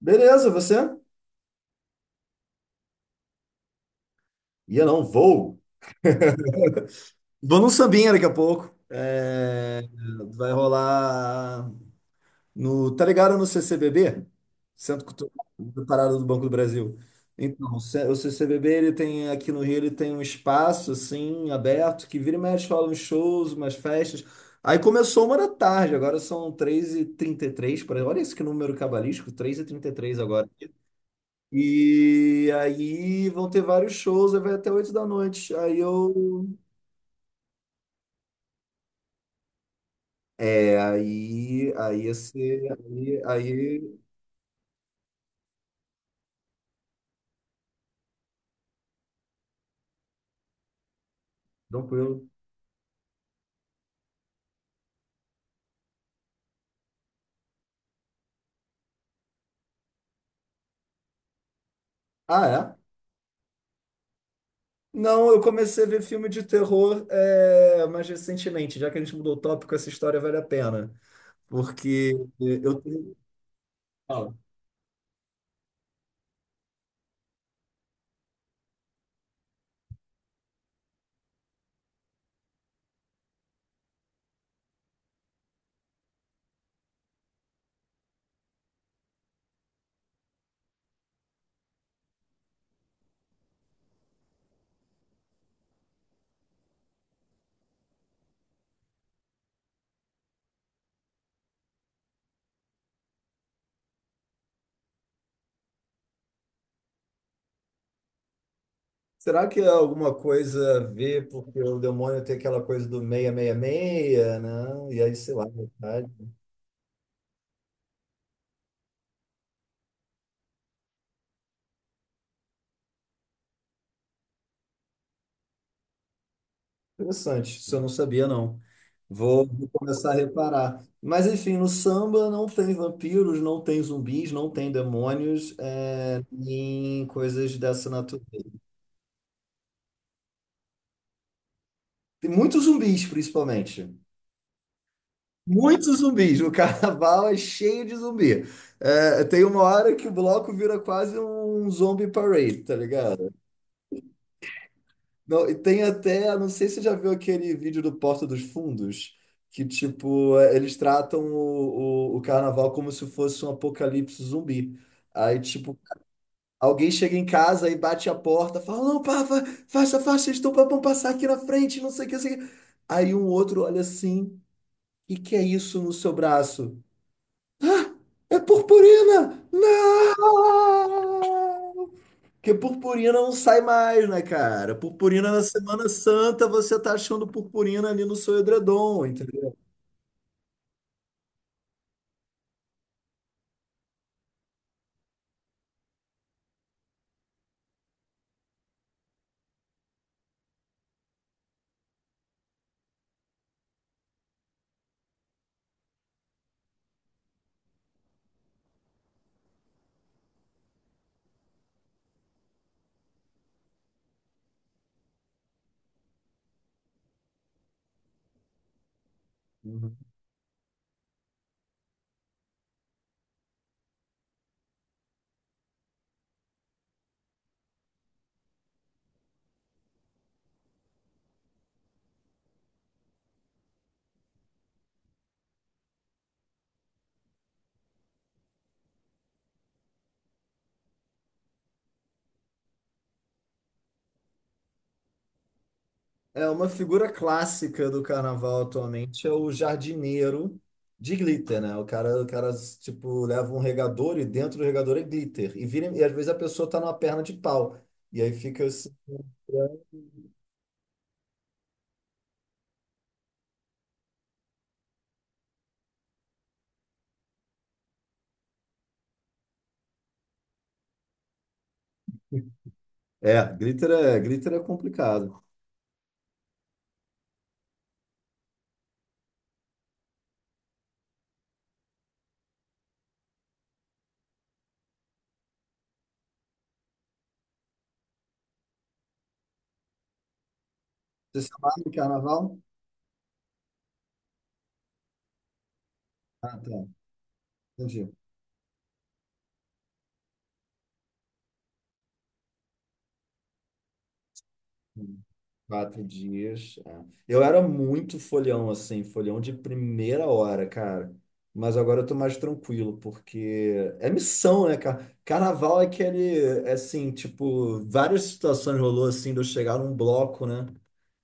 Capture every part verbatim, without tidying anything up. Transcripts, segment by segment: Beleza, você? Ia não, vou. Vou num sambinha daqui a pouco. É, vai rolar no. Tá ligado no C C B B? Centro Cultural da Parada do Banco do Brasil. Então, o C- o C C B B, ele tem aqui no Rio, ele tem um espaço assim, aberto, que vira e mexe, rola uns shows, umas festas. Aí começou uma da tarde, agora são três e trinta e três, por aí. Olha esse que número cabalístico, três e trinta e três agora. E aí vão ter vários shows, aí vai até oito da noite. Aí eu. É, aí. Aí ia ser. Aí. Aí tranquilo. Ah, é? Não, eu comecei a ver filme de terror é, mais recentemente, já que a gente mudou o tópico, essa história vale a pena. Porque eu tenho. Fala. Será que é alguma coisa a ver, porque o demônio tem aquela coisa do seiscentos e sessenta e seis, né? E aí, sei lá, né? Interessante, isso eu não sabia, não. Vou, vou começar a reparar. Mas, enfim, no samba não tem vampiros, não tem zumbis, não tem demônios, é, nem coisas dessa natureza. Tem muitos zumbis, principalmente. Muitos zumbis. O carnaval é cheio de zumbi. É, tem uma hora que o bloco vira quase um zombie parade, tá ligado? Não, e tem até, não sei se você já viu aquele vídeo do Porta dos Fundos, que tipo, é, eles tratam o, o, o carnaval como se fosse um apocalipse zumbi. Aí, tipo, alguém chega em casa e bate a porta, fala, não, pá, fa- faça, faça, eles estão para passar aqui na frente, não sei o que, não sei o que. Aí um outro olha assim, e que é isso no seu braço? É purpurina! Não! Porque purpurina não sai mais, né, cara? Purpurina na Semana Santa, você tá achando purpurina ali no seu edredom, entendeu? Uhum. É uma figura clássica do carnaval atualmente, é o jardineiro de glitter, né? O cara, o cara, tipo, leva um regador e dentro do regador é glitter. E, vira, e às vezes a pessoa tá numa perna de pau. E aí fica assim. É, glitter é, glitter é complicado. Você se amarra em carnaval? Ah, tá. Entendi. Quatro dias. É. Eu era muito folhão, assim, folhão de primeira hora, cara. Mas agora eu tô mais tranquilo, porque é missão, né, cara? Carnaval é aquele, é assim, tipo, várias situações rolou assim, de eu chegar num bloco, né?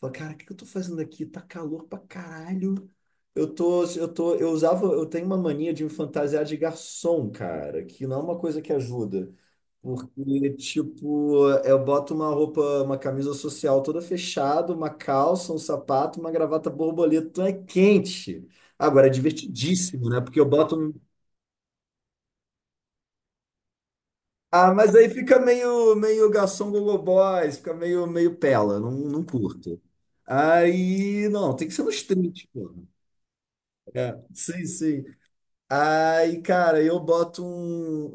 Falei, cara, o que que eu tô fazendo aqui? Tá calor pra caralho. Eu tô, eu tô, eu usava, eu tenho uma mania de me fantasiar de garçom, cara, que não é uma coisa que ajuda. Porque, tipo, eu boto uma roupa, uma camisa social toda fechada, uma calça, um sapato, uma gravata borboleta. Então é quente. Agora é divertidíssimo, né? Porque eu boto. Um- Ah, mas aí fica meio, meio garçom gogoboys, fica meio, meio pela, não, não curto. Aí, não, tem que ser no street, pô. É, sim, sim. Aí, cara, eu boto um,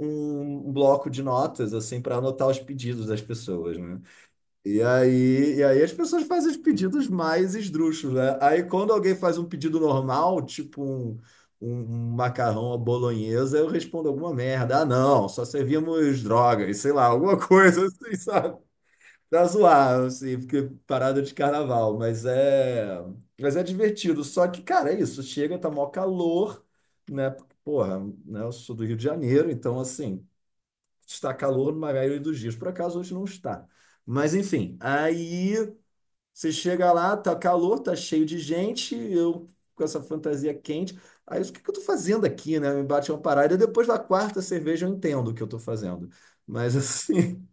um um bloco de notas, assim, para anotar os pedidos das pessoas, né? E aí, e aí as pessoas fazem os pedidos mais esdrúxulos, né? Aí quando alguém faz um pedido normal, tipo um, um um macarrão à bolonhesa, eu respondo alguma merda. Ah, não, só servimos drogas, sei lá, alguma coisa assim, sabe? Pra zoar, assim, porque parada de carnaval, mas é, mas é divertido. Só que, cara, é isso, chega, tá mó calor, né? Porque, porra, né? Eu sou do Rio de Janeiro, então assim, está calor na maioria dos dias. Por acaso hoje não está. Mas enfim, aí você chega lá, tá calor, tá cheio de gente, eu com essa fantasia quente. Aí o que que eu tô fazendo aqui, né? Me bate uma parada. Depois da quarta cerveja eu entendo o que eu tô fazendo. Mas assim,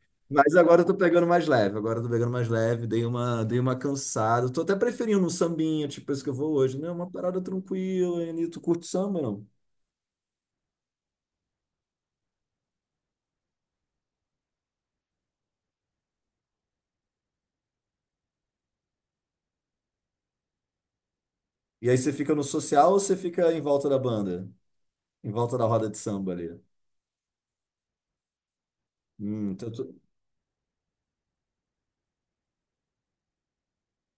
mas agora eu tô pegando mais leve, agora eu tô pegando mais leve, dei uma, dei uma cansada. Tô até preferindo um sambinha, tipo esse que eu vou hoje, né? Uma parada tranquila, e tu curte samba, não? E aí você fica no social ou você fica em volta da banda? Em volta da roda de samba ali? Hum, então tu-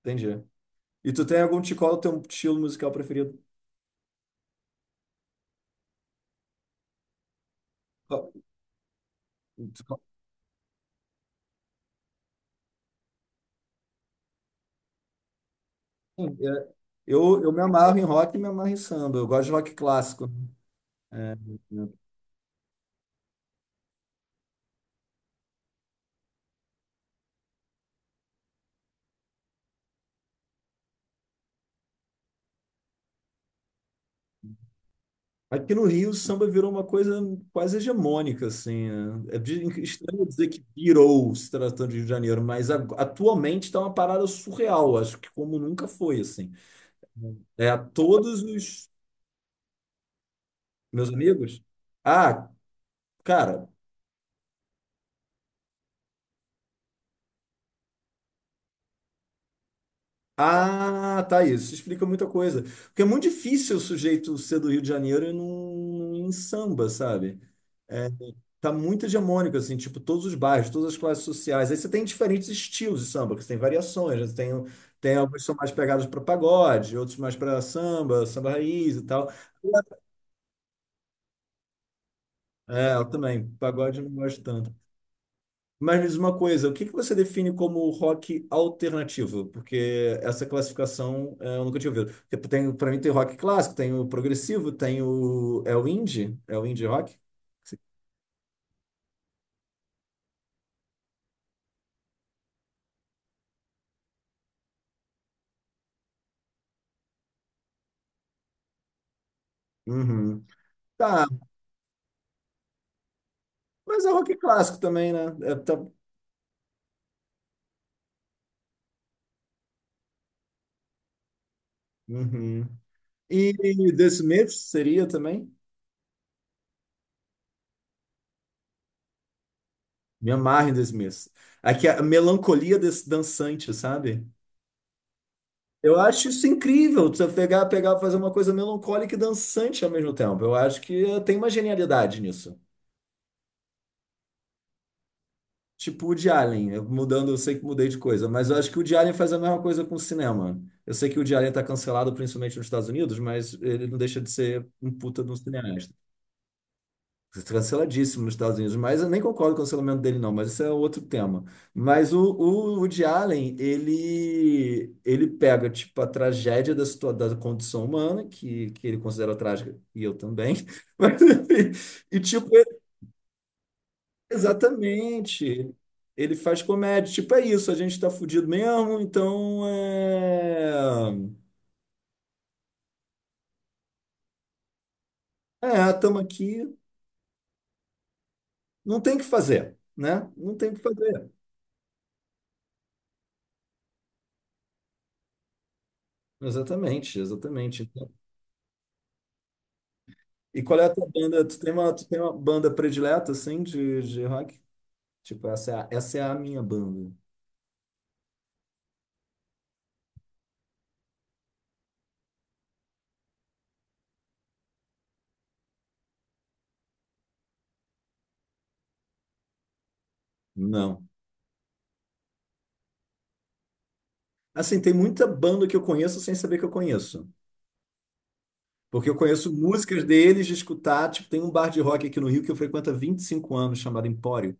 entendi. E tu tem algum ti- qual é o teu estilo musical preferido? Qual- tu- qual- Sim, é, Eu, eu me amarro em rock e me amarro em samba. Eu gosto de rock clássico, né? É, né? Aqui no Rio, o samba virou uma coisa quase hegemônica, assim, né? É de- estranho dizer que virou se tratando de Rio de Janeiro, mas a- atualmente está uma parada surreal, acho que como nunca foi, assim. É, todos os meus amigos. Ah, cara. Ah, tá, isso explica muita coisa. Porque é muito difícil o sujeito ser do Rio de Janeiro e não em samba, sabe? É, tá muito hegemônico, assim, tipo, todos os bairros, todas as classes sociais. Aí você tem diferentes estilos de samba, que você tem variações, né? Você Tem, tem alguns que são mais pegados para pagode, outros mais para samba, samba raiz e tal. É, eu também, pagode eu não gosto tanto. Mas me diz uma coisa, o que que você define como rock alternativo? Porque essa classificação eh, eu nunca tinha ouvido. Tipo, Tem, para mim tem rock clássico, tem o progressivo, tem o... É o indie? É o indie rock? Uhum. Tá, mas é rock clássico também, né? É, tá... Uhum. E The Smiths seria também? Me amarre em The Smiths. Aqui é a melancolia des- dançante, sabe? Eu acho isso incrível, você pegar, pegar, fazer uma coisa melancólica e dançante ao mesmo tempo. Eu acho que eh, tem uma genialidade nisso. Tipo o de Alien, eu- mudando, eu sei que mudei de coisa, mas eu acho que o de Alien faz a mesma coisa com o cinema. Eu sei que o de Alien tá cancelado principalmente nos Estados Unidos, mas ele não deixa de ser um puta de um cineasta. Canceladíssimo nos Estados Unidos, mas eu nem concordo com o cancelamento dele, não, mas isso é outro tema. Mas o, o Woody Allen, ele, ele pega, tipo, a tragédia da, situa- da condição humana, que, que ele considera trágica, e eu também, mas, enfim, e, tipo, ele- exatamente, ele faz comédia, tipo, é isso, a gente tá fudido mesmo, então, é... É, tamo aqui, não tem o que fazer, né? Não tem o que fazer. Exatamente, exatamente. Então, e qual é a tua banda? Tu tem uma, tu tem uma banda predileta, assim, de, de rock? Tipo, essa é a, essa é a minha banda. Não. Assim, tem muita banda que eu conheço sem saber que eu conheço. Porque eu conheço músicas deles de escutar. Tipo, tem um bar de rock aqui no Rio que eu frequento há vinte e cinco anos, chamado Empório.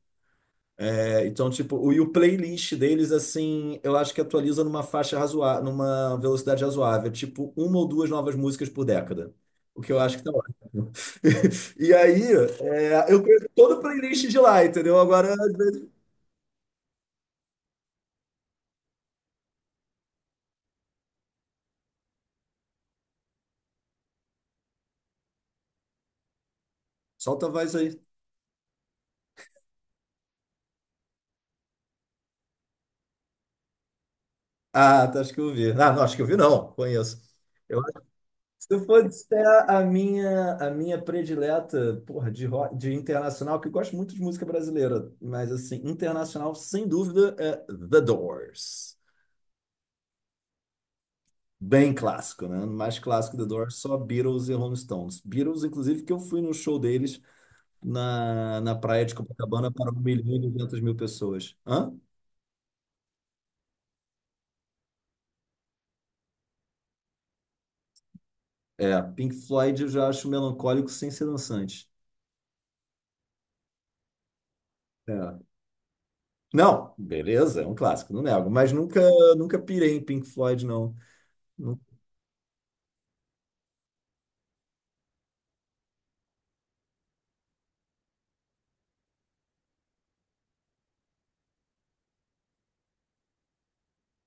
É, então, tipo, o, e o playlist deles, assim, eu acho que atualiza numa faixa razoável, numa velocidade razoável, tipo uma ou duas novas músicas por década. O que eu acho que tá ótimo. E aí, é, eu conheço todo o playlist de lá, entendeu? Agora, solta a voz aí. Ah, tá, acho que eu vi. Ah, não, acho que eu vi, não, conheço. Eu acho que se for disser a minha, a minha predileta, porra, de, ro- de internacional, que eu gosto muito de música brasileira, mas, assim, internacional, sem dúvida, é The Doors. Bem clássico, né? Mais clássico The Doors, só Beatles e Rolling Stones. Beatles, inclusive, que eu fui no show deles na, na praia de Copacabana para um milhão e duzentas mil pessoas. Hã? É, Pink Floyd eu já acho melancólico sem ser dançante. É. Não, beleza, é um clássico, não nego. Mas nunca, nunca pirei em Pink Floyd, não. Nu-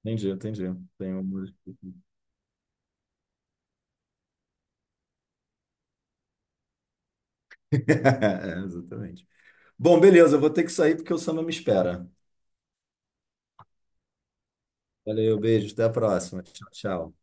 Entendi, entendi. Tem uma... É, exatamente. Bom, beleza, eu vou ter que sair porque o samba me espera. Valeu, beijo, até a próxima. Tchau, tchau.